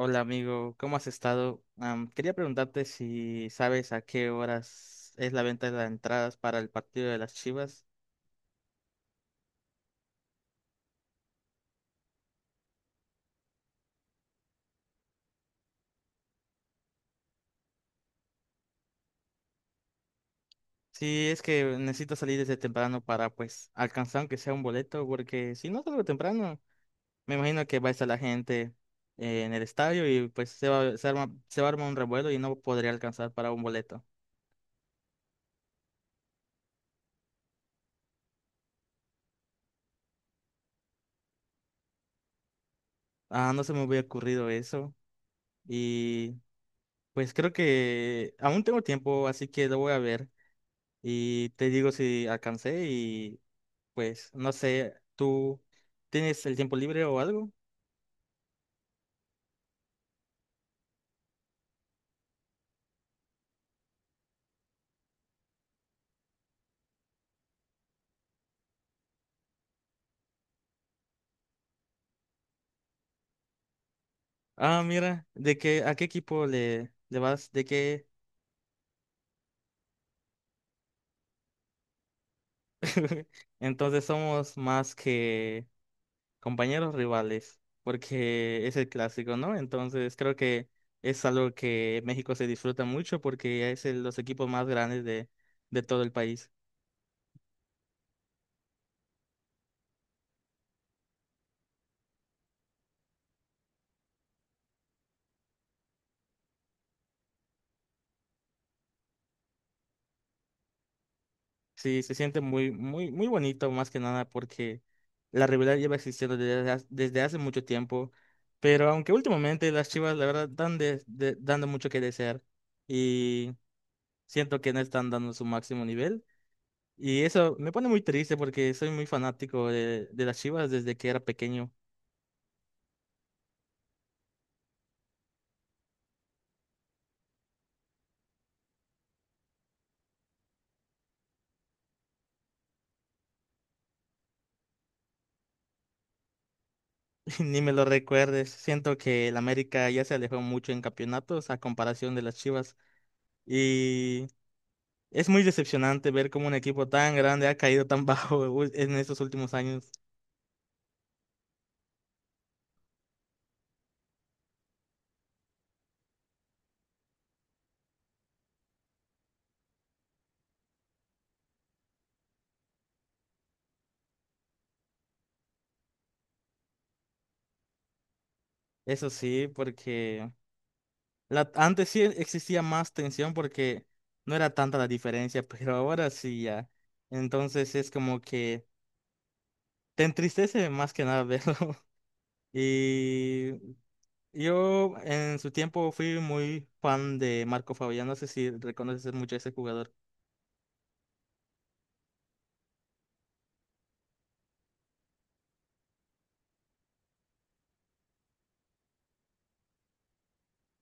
Hola amigo, ¿cómo has estado? Quería preguntarte si sabes a qué horas es la venta de las entradas para el partido de las Chivas. Sí, es que necesito salir desde temprano para pues alcanzar aunque sea un boleto, porque si no salgo temprano, me imagino que va a estar la gente en el estadio y pues se va a armar un revuelo y no podría alcanzar para un boleto. Ah, no se me hubiera ocurrido eso y pues creo que aún tengo tiempo, así que lo voy a ver. Y te digo si alcancé. Pues no sé, ¿tú tienes el tiempo libre o algo? Ah, mira, ¿de qué a qué equipo le vas? ¿De qué? Entonces somos más que compañeros rivales, porque es el clásico, ¿no? Entonces creo que es algo que México se disfruta mucho porque los equipos más grandes de todo el país. Sí, se siente muy, muy, muy bonito más que nada porque la rivalidad lleva existiendo desde hace mucho tiempo, pero aunque últimamente las Chivas la verdad dando mucho que desear y siento que no están dando su máximo nivel, y eso me pone muy triste porque soy muy fanático de las Chivas desde que era pequeño. Ni me lo recuerdes, siento que el América ya se alejó mucho en campeonatos a comparación de las Chivas. Y Es muy decepcionante ver cómo un equipo tan grande ha caído tan bajo en estos últimos años. Eso sí, porque antes sí existía más tensión porque no era tanta la diferencia, pero ahora sí ya. Entonces es como que te entristece más que nada verlo. Y yo en su tiempo fui muy fan de Marco Fabián. No sé si reconoces mucho a ese jugador.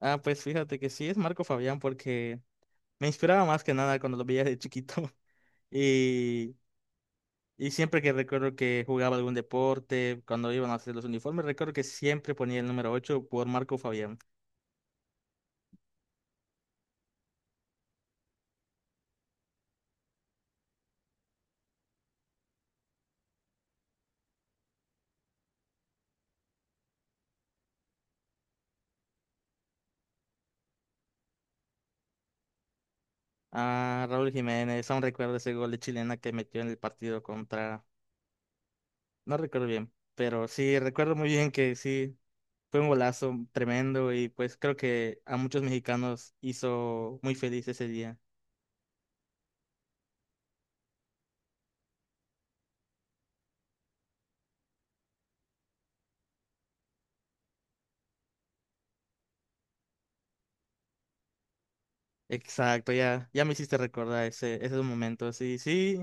Ah, pues fíjate que sí es Marco Fabián porque me inspiraba más que nada cuando lo veía de chiquito. Y Y siempre que recuerdo que jugaba algún deporte, cuando iban a hacer los uniformes, recuerdo que siempre ponía el número 8 por Marco Fabián. Ah, Raúl Jiménez, aún recuerdo ese gol de chilena que metió en el partido contra… No recuerdo bien, pero sí, recuerdo muy bien que sí, fue un golazo tremendo y pues creo que a muchos mexicanos hizo muy feliz ese día. Exacto, ya me hiciste recordar esos momentos. Y sí,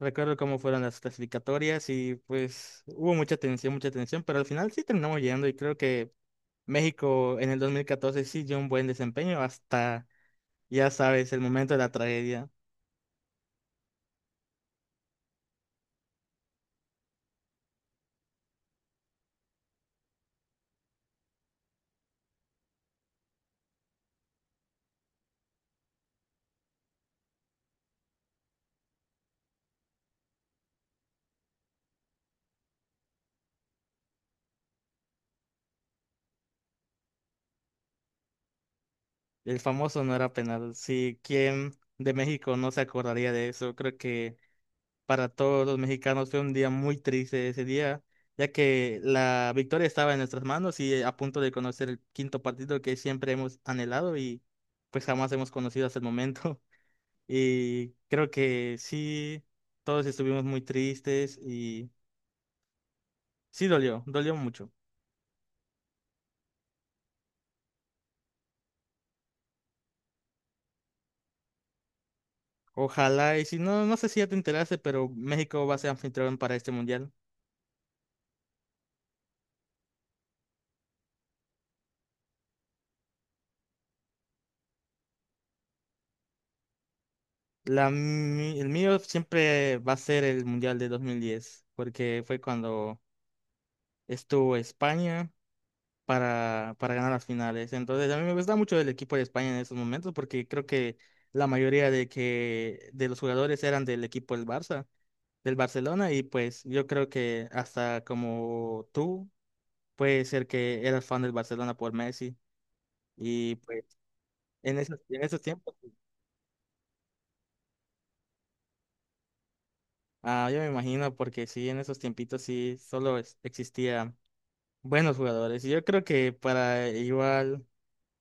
recuerdo cómo fueron las clasificatorias y pues hubo mucha tensión, pero al final sí terminamos llegando y creo que México en el 2014 sí dio un buen desempeño hasta, ya sabes, el momento de la tragedia. El famoso no era penal. Sí, ¿quién de México no se acordaría de eso? Creo que para todos los mexicanos fue un día muy triste ese día, ya que la victoria estaba en nuestras manos y a punto de conocer el quinto partido que siempre hemos anhelado y pues jamás hemos conocido hasta el momento. Y creo que sí, todos estuvimos muy tristes y sí dolió, dolió mucho. Ojalá, y si no, no sé si ya te enteraste, pero México va a ser anfitrión para este mundial. El mío siempre va a ser el mundial de 2010, porque fue cuando estuvo España para ganar las finales. Entonces, a mí me gusta mucho el equipo de España en esos momentos, porque creo que la mayoría de los jugadores eran del equipo del Barça, del Barcelona, y pues yo creo que hasta como tú puede ser que eras fan del Barcelona por Messi y pues en esos tiempos, ah, yo me imagino porque sí, en esos tiempitos sí solo existían buenos jugadores y yo creo que para igual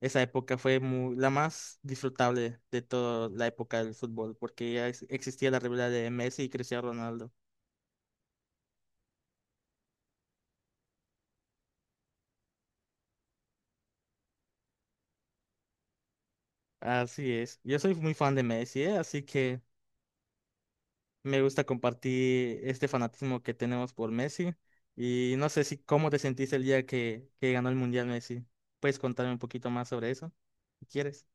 esa época fue la más disfrutable de toda la época del fútbol porque ya existía la rivalidad de Messi y Cristiano Ronaldo. Así es, yo soy muy fan de Messi, ¿eh? Así que… me gusta compartir este fanatismo que tenemos por Messi. Y no sé si cómo te sentiste el día que ganó el Mundial Messi. ¿Puedes contarme un poquito más sobre eso? Si quieres.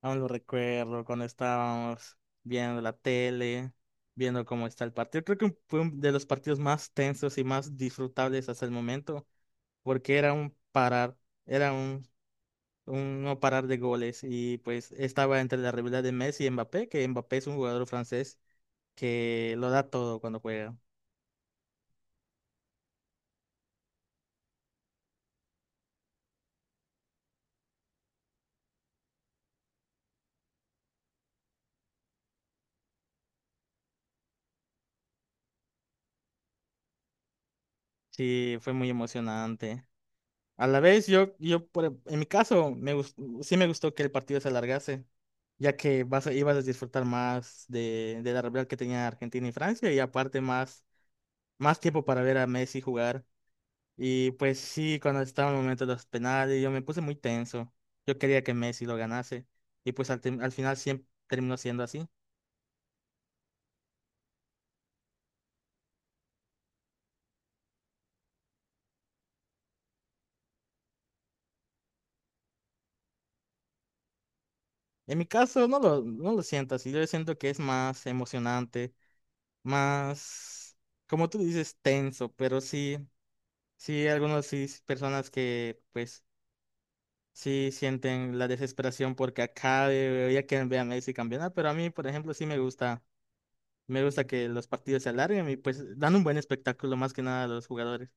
Aún lo recuerdo cuando estábamos viendo la tele, viendo cómo está el partido. Creo que fue de los partidos más tensos y más disfrutables hasta el momento, porque era un parar, era un no parar de goles. Y pues estaba entre la rivalidad de Messi y Mbappé, que Mbappé es un jugador francés que lo da todo cuando juega. Sí, fue muy emocionante. A la vez, yo por, en mi caso, sí me gustó que el partido se alargase, ya que ibas a disfrutar más de la rivalidad que tenía Argentina y Francia, y aparte más, más tiempo para ver a Messi jugar. Y pues sí, cuando estaba en el momento de los penales, yo me puse muy tenso. Yo quería que Messi lo ganase, y pues al final siempre terminó siendo así. En mi caso, no lo siento así, yo siento que es más emocionante más, como tú dices, tenso, pero sí, sí, algunos sí, personas que pues sí sienten la desesperación porque acá ya quieren ver a Messi campeonar, pero a mí, por ejemplo, sí me gusta que los partidos se alarguen y pues dan un buen espectáculo más que nada a los jugadores.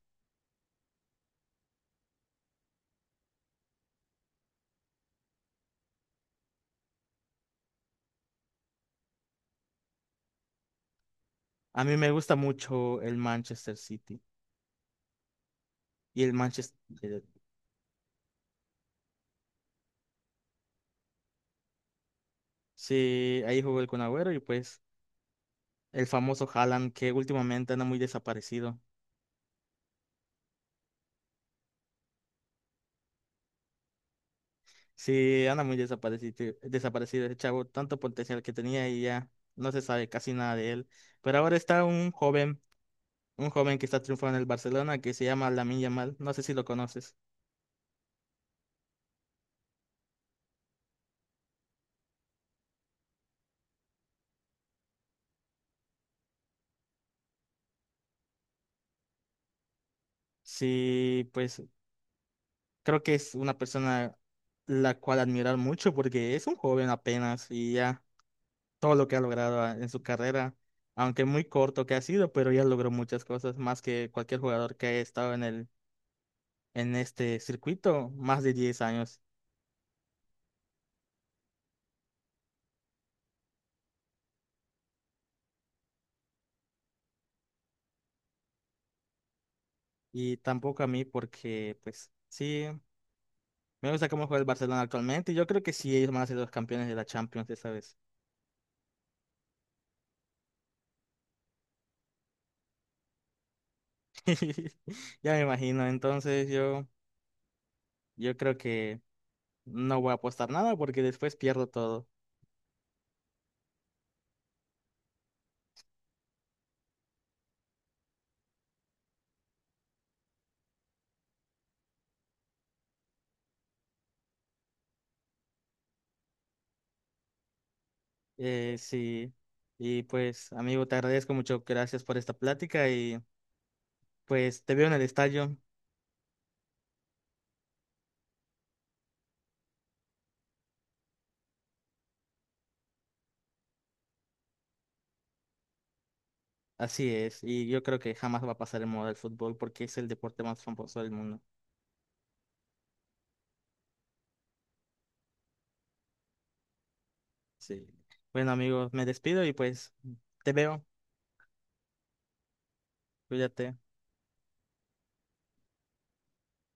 A mí me gusta mucho el Manchester City y el Manchester United. Sí, ahí jugó el Kun Agüero y pues el famoso Haaland, que últimamente anda muy desaparecido. Sí, anda muy desaparecido, desaparecido ese chavo, tanto potencial que tenía y ya no se sabe casi nada de él. Pero ahora está un joven que está triunfando en el Barcelona que se llama Lamine Yamal, no sé si lo conoces. Sí, pues creo que es una persona la cual admirar mucho porque es un joven apenas y ya todo lo que ha logrado en su carrera, aunque muy corto que ha sido, pero ya logró muchas cosas, más que cualquier jugador que haya estado en el, en este circuito, más de 10 años. Y tampoco a mí porque, pues, sí, me gusta cómo juega el Barcelona actualmente y yo creo que sí, ellos van a ser los campeones de la Champions esta vez. Ya me imagino, entonces yo creo que no voy a apostar nada porque después pierdo todo. Sí, y pues, amigo, te agradezco mucho, gracias por esta plática y pues te veo en el estadio. Así es, y yo creo que jamás va a pasar en moda el fútbol porque es el deporte más famoso del mundo. Sí. Bueno, amigo, me despido y pues te veo, cuídate.